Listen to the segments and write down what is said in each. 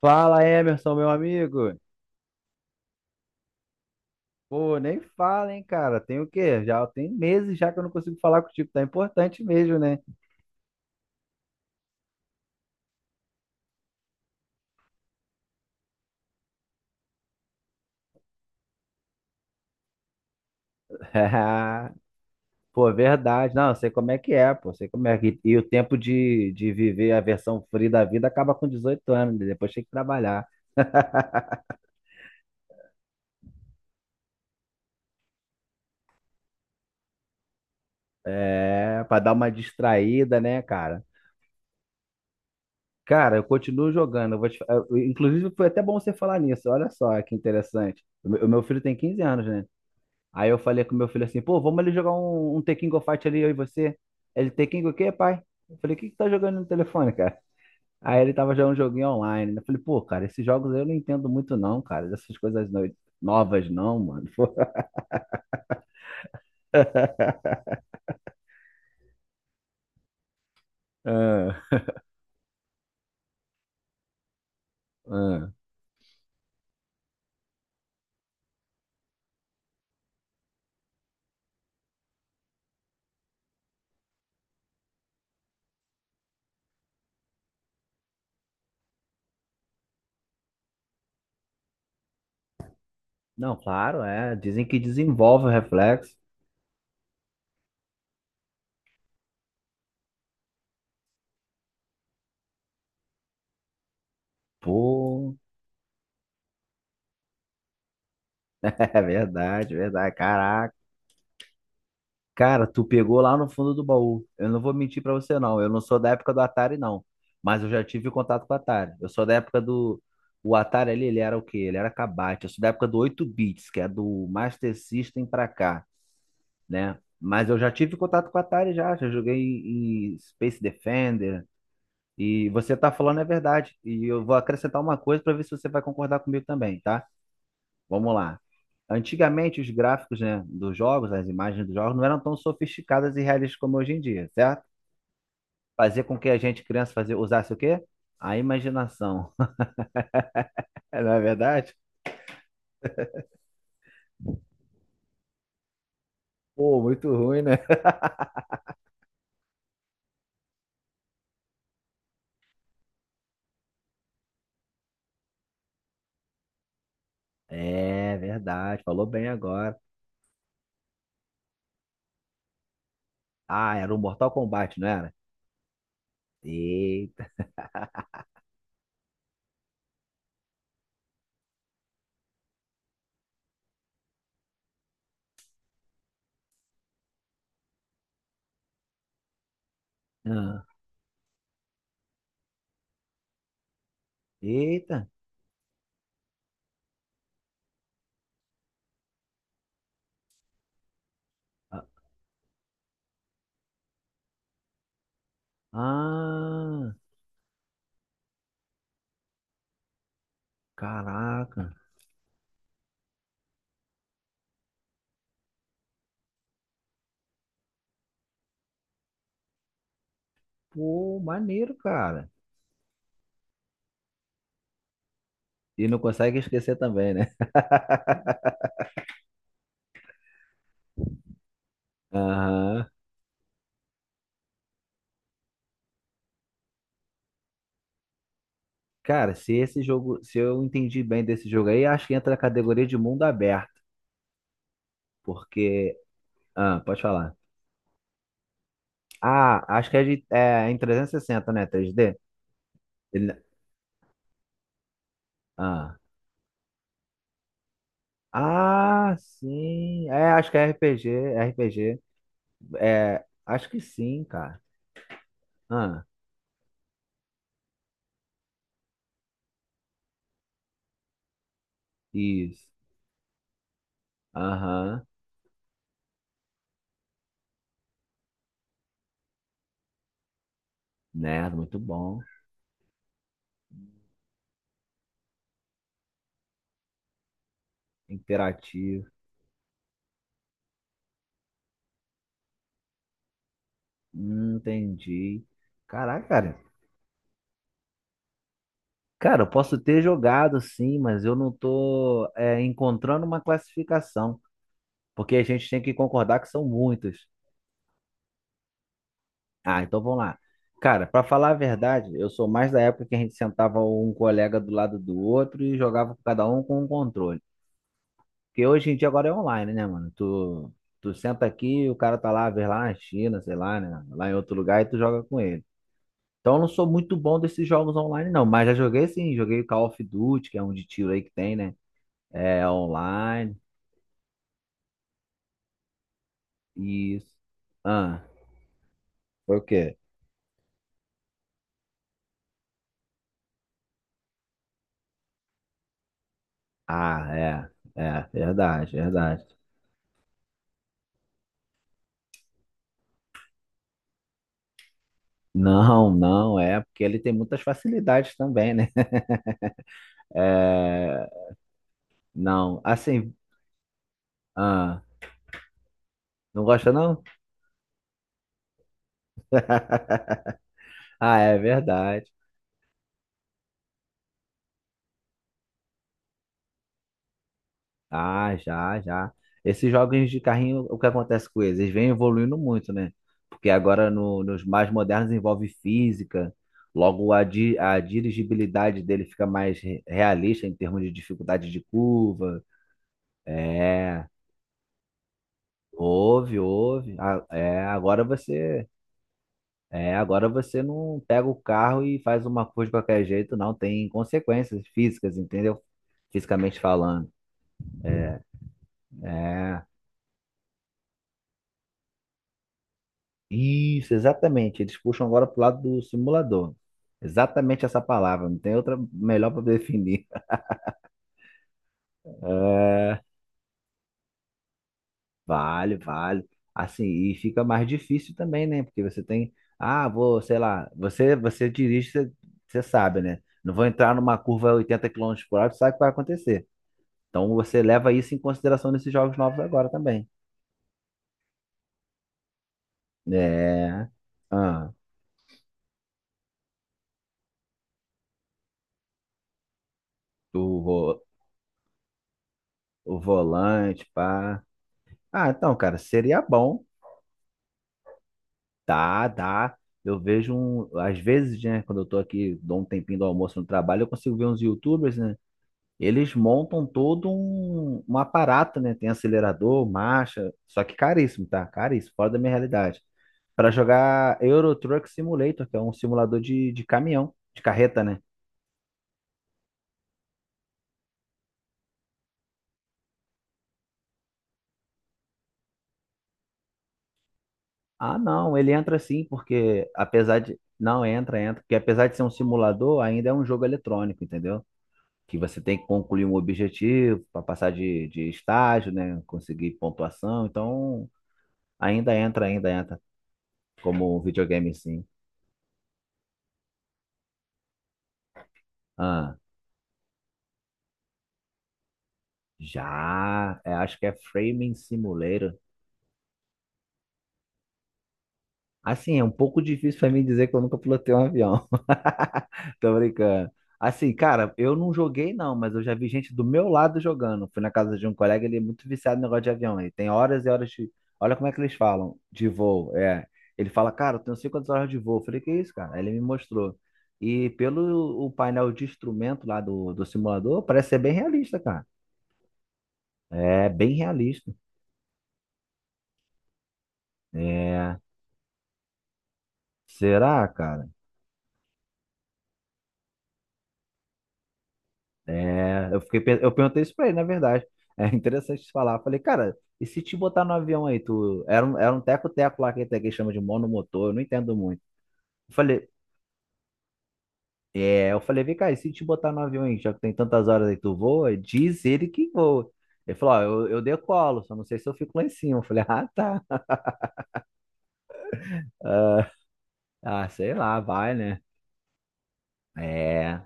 Fala, Emerson, meu amigo. Pô, nem fala, hein, cara. Tem o quê? Já tem meses já que eu não consigo falar contigo. Tá importante mesmo, né? Pô, verdade. Não, eu sei como é que é, pô. Sei como é que... E o tempo de viver a versão free da vida acaba com 18 anos. Né? Depois tem que trabalhar. É, pra dar uma distraída, né, cara? Cara, eu continuo jogando. Eu vou te... eu- inclusive, foi até bom você falar nisso. Olha só que interessante. O meu filho tem 15 anos, né? Aí eu falei com meu filho assim, pô, vamos ali jogar um Tekken Go Fight ali, eu e você. Ele, Tekken Go o quê, pai? Eu falei, o que que tá jogando no telefone, cara? Aí ele tava jogando um joguinho online. Né? Eu falei, pô, cara, esses jogos aí eu não entendo muito não, cara. Dessas coisas novas não, mano. Ah, ah. Não, claro, é. Dizem que desenvolve o reflexo. Pô, é verdade, é verdade. Caraca. Cara, tu pegou lá no fundo do baú. Eu não vou mentir pra você, não. Eu não sou da época do Atari, não. Mas eu já tive contato com o Atari. Eu sou da época do. O Atari ali, ele era o quê? Ele era cabate. Eu sou da época do 8 bits, que é do Master System pra cá, né? Mas eu já tive contato com o Atari já. Já joguei em Space Defender. E você tá falando é verdade. E eu vou acrescentar uma coisa pra ver se você vai concordar comigo também, tá? Vamos lá. Antigamente, os gráficos, né, dos jogos, as imagens dos jogos, não eram tão sofisticadas e realistas como hoje em dia, certo? Fazer com que a gente, criança, fazia, usasse o quê? A imaginação. É, não é verdade? Pô, muito ruim, né? É verdade, falou bem agora. Ah, era o Mortal Kombat, não era? Eita. Ah, eita. Ah, ah, caraca. Pô, maneiro, cara. E não consegue esquecer também, né? Aham. Cara, se esse jogo, se eu entendi bem desse jogo aí, acho que entra na categoria de mundo aberto, porque, ah, pode falar. Ah, acho que é, de- é em 360, né? 3D? Ele- ah. Ah, sim. É, acho que é RPG, RPG. É, acho que sim, cara. Ah, isso. Aham. Né, muito bom. Interativo. Entendi. Caraca, cara. Cara, eu posso ter jogado sim, mas eu não tô é, encontrando uma classificação, porque a gente tem que concordar que são muitas. Ah, então vamos lá. Cara, pra falar a verdade, eu sou mais da época que a gente sentava um colega do lado do outro e jogava cada um com um controle. Porque hoje em dia agora é online, né, mano? Tu senta aqui, o cara tá lá, vê lá na China, sei lá, né? Lá em outro lugar e tu joga com ele. Então eu não sou muito bom desses jogos online, não, mas já joguei sim, joguei Call of Duty, que é um de tiro aí que tem, né? É online. Isso. Ah, foi o quê? Ah, é. É, verdade, verdade. Não, não, é, porque ele tem muitas facilidades também, né? É, não, assim, ah, não gosta não? Ah, é verdade. Ah, já, já. Esses jogos de carrinho, o que acontece com eles? Eles vêm evoluindo muito, né? Porque agora nos mais modernos envolve física, logo a dirigibilidade dele fica mais realista em termos de dificuldade de curva. É, houve, houve. A- é, agora você, é, agora você não pega o carro e faz uma curva de qualquer jeito, não. Tem consequências físicas, entendeu? Fisicamente falando. É. Isso, exatamente. Eles puxam agora pro lado do simulador. Exatamente essa palavra, não tem outra melhor para definir. É, vale, vale. Assim, e fica mais difícil também, né? Porque você tem, ah, vou, sei lá, você dirige, você, você sabe, né? Não vou entrar numa curva a 80 km/h, tu sabe o que vai acontecer. Então você leva isso em consideração nesses jogos novos agora também. É. Ah, o, vo- o volante, pá. Ah, então, cara, seria bom. Dá, dá. Eu vejo, um, às vezes, né, quando eu tô aqui, dou um tempinho do almoço no trabalho, eu consigo ver uns YouTubers, né? Eles montam todo um aparato, né? Tem acelerador, marcha, só que caríssimo, tá? Caríssimo, fora da minha realidade. Para jogar Euro Truck Simulator, que é um simulador de caminhão, de carreta, né? Ah, não, ele entra sim, porque apesar de. Não, entra, entra, porque apesar de ser um simulador, ainda é um jogo eletrônico, entendeu? Que você tem que concluir um objetivo para passar de estágio, né? Conseguir pontuação. Então, ainda entra como videogame, sim. Ah, já, é, acho que é Framing Simulator. Assim, é um pouco difícil pra mim dizer que eu nunca pilotei um avião. Tô brincando. Assim, cara, eu não joguei não, mas eu já vi gente do meu lado jogando. Fui na casa de um colega, ele é muito viciado no negócio de avião. Ele tem horas e horas de. Olha como é que eles falam, de voo. É. Ele fala, cara, eu tenho 50 horas de voo. Eu falei, que isso, cara? Aí ele me mostrou. E pelo o painel de instrumento lá do simulador, parece ser bem realista, cara. É, bem realista. É. Será, cara? É, eu fiquei, eu perguntei isso pra ele, na verdade. É interessante você falar. Eu falei, cara, e se te botar no avião aí, tu era um teco-teco lá que até que chama de monomotor, eu não entendo muito. Eu falei, é, eu falei, vem cá, e se te botar no avião aí, já que tem tantas horas aí, tu voa? Diz ele que voa. Ele falou, ó, eu decolo, só não sei se eu fico lá em cima. Eu falei, ah, tá. Ah, ah, sei lá, vai, né? É,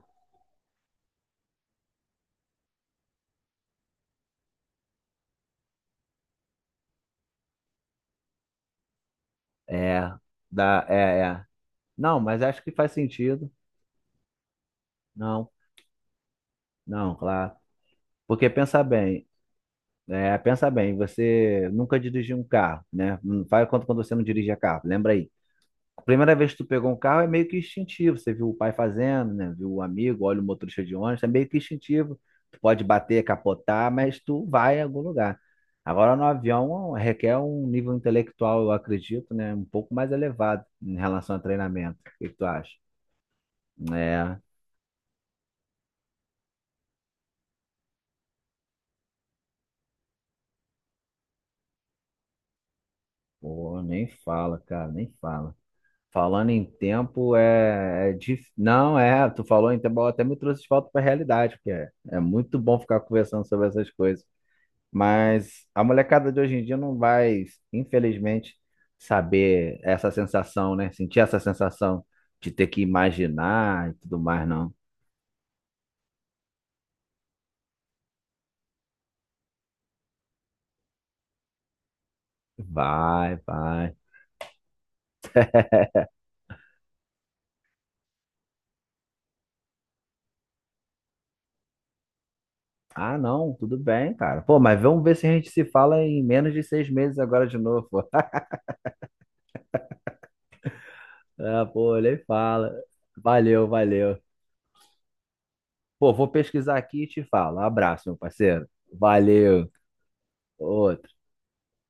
é, dá, é, é. Não, mas acho que faz sentido. Não, não, claro. Porque pensa bem. É, pensa bem, você nunca dirigiu um carro, né? Não faz quanto quando você não dirigia carro, lembra aí. A primeira vez que tu pegou um carro é meio que instintivo, você viu o pai fazendo, né? Viu o amigo, olha o motorista de ônibus, é meio que instintivo. Tu pode bater, capotar, mas tu vai em algum lugar. Agora no avião requer um nível intelectual, eu acredito, né? Um pouco mais elevado em relação a treinamento. O que que tu acha? É, pô, nem fala, cara, nem fala. Falando em tempo, é, é não, é, tu falou em tempo, até me trouxe de volta para a realidade, porque é, é muito bom ficar conversando sobre essas coisas. Mas a molecada de hoje em dia não vai, infelizmente, saber essa sensação, né? Sentir essa sensação de ter que imaginar e tudo mais, não. Vai, vai. Ah, não, tudo bem, cara. Pô, mas vamos ver se a gente se fala em menos de 6 meses agora de novo. Ah, pô, nem fala. Valeu, valeu. Pô, vou pesquisar aqui e te falo. Abraço, meu parceiro. Valeu. Ô,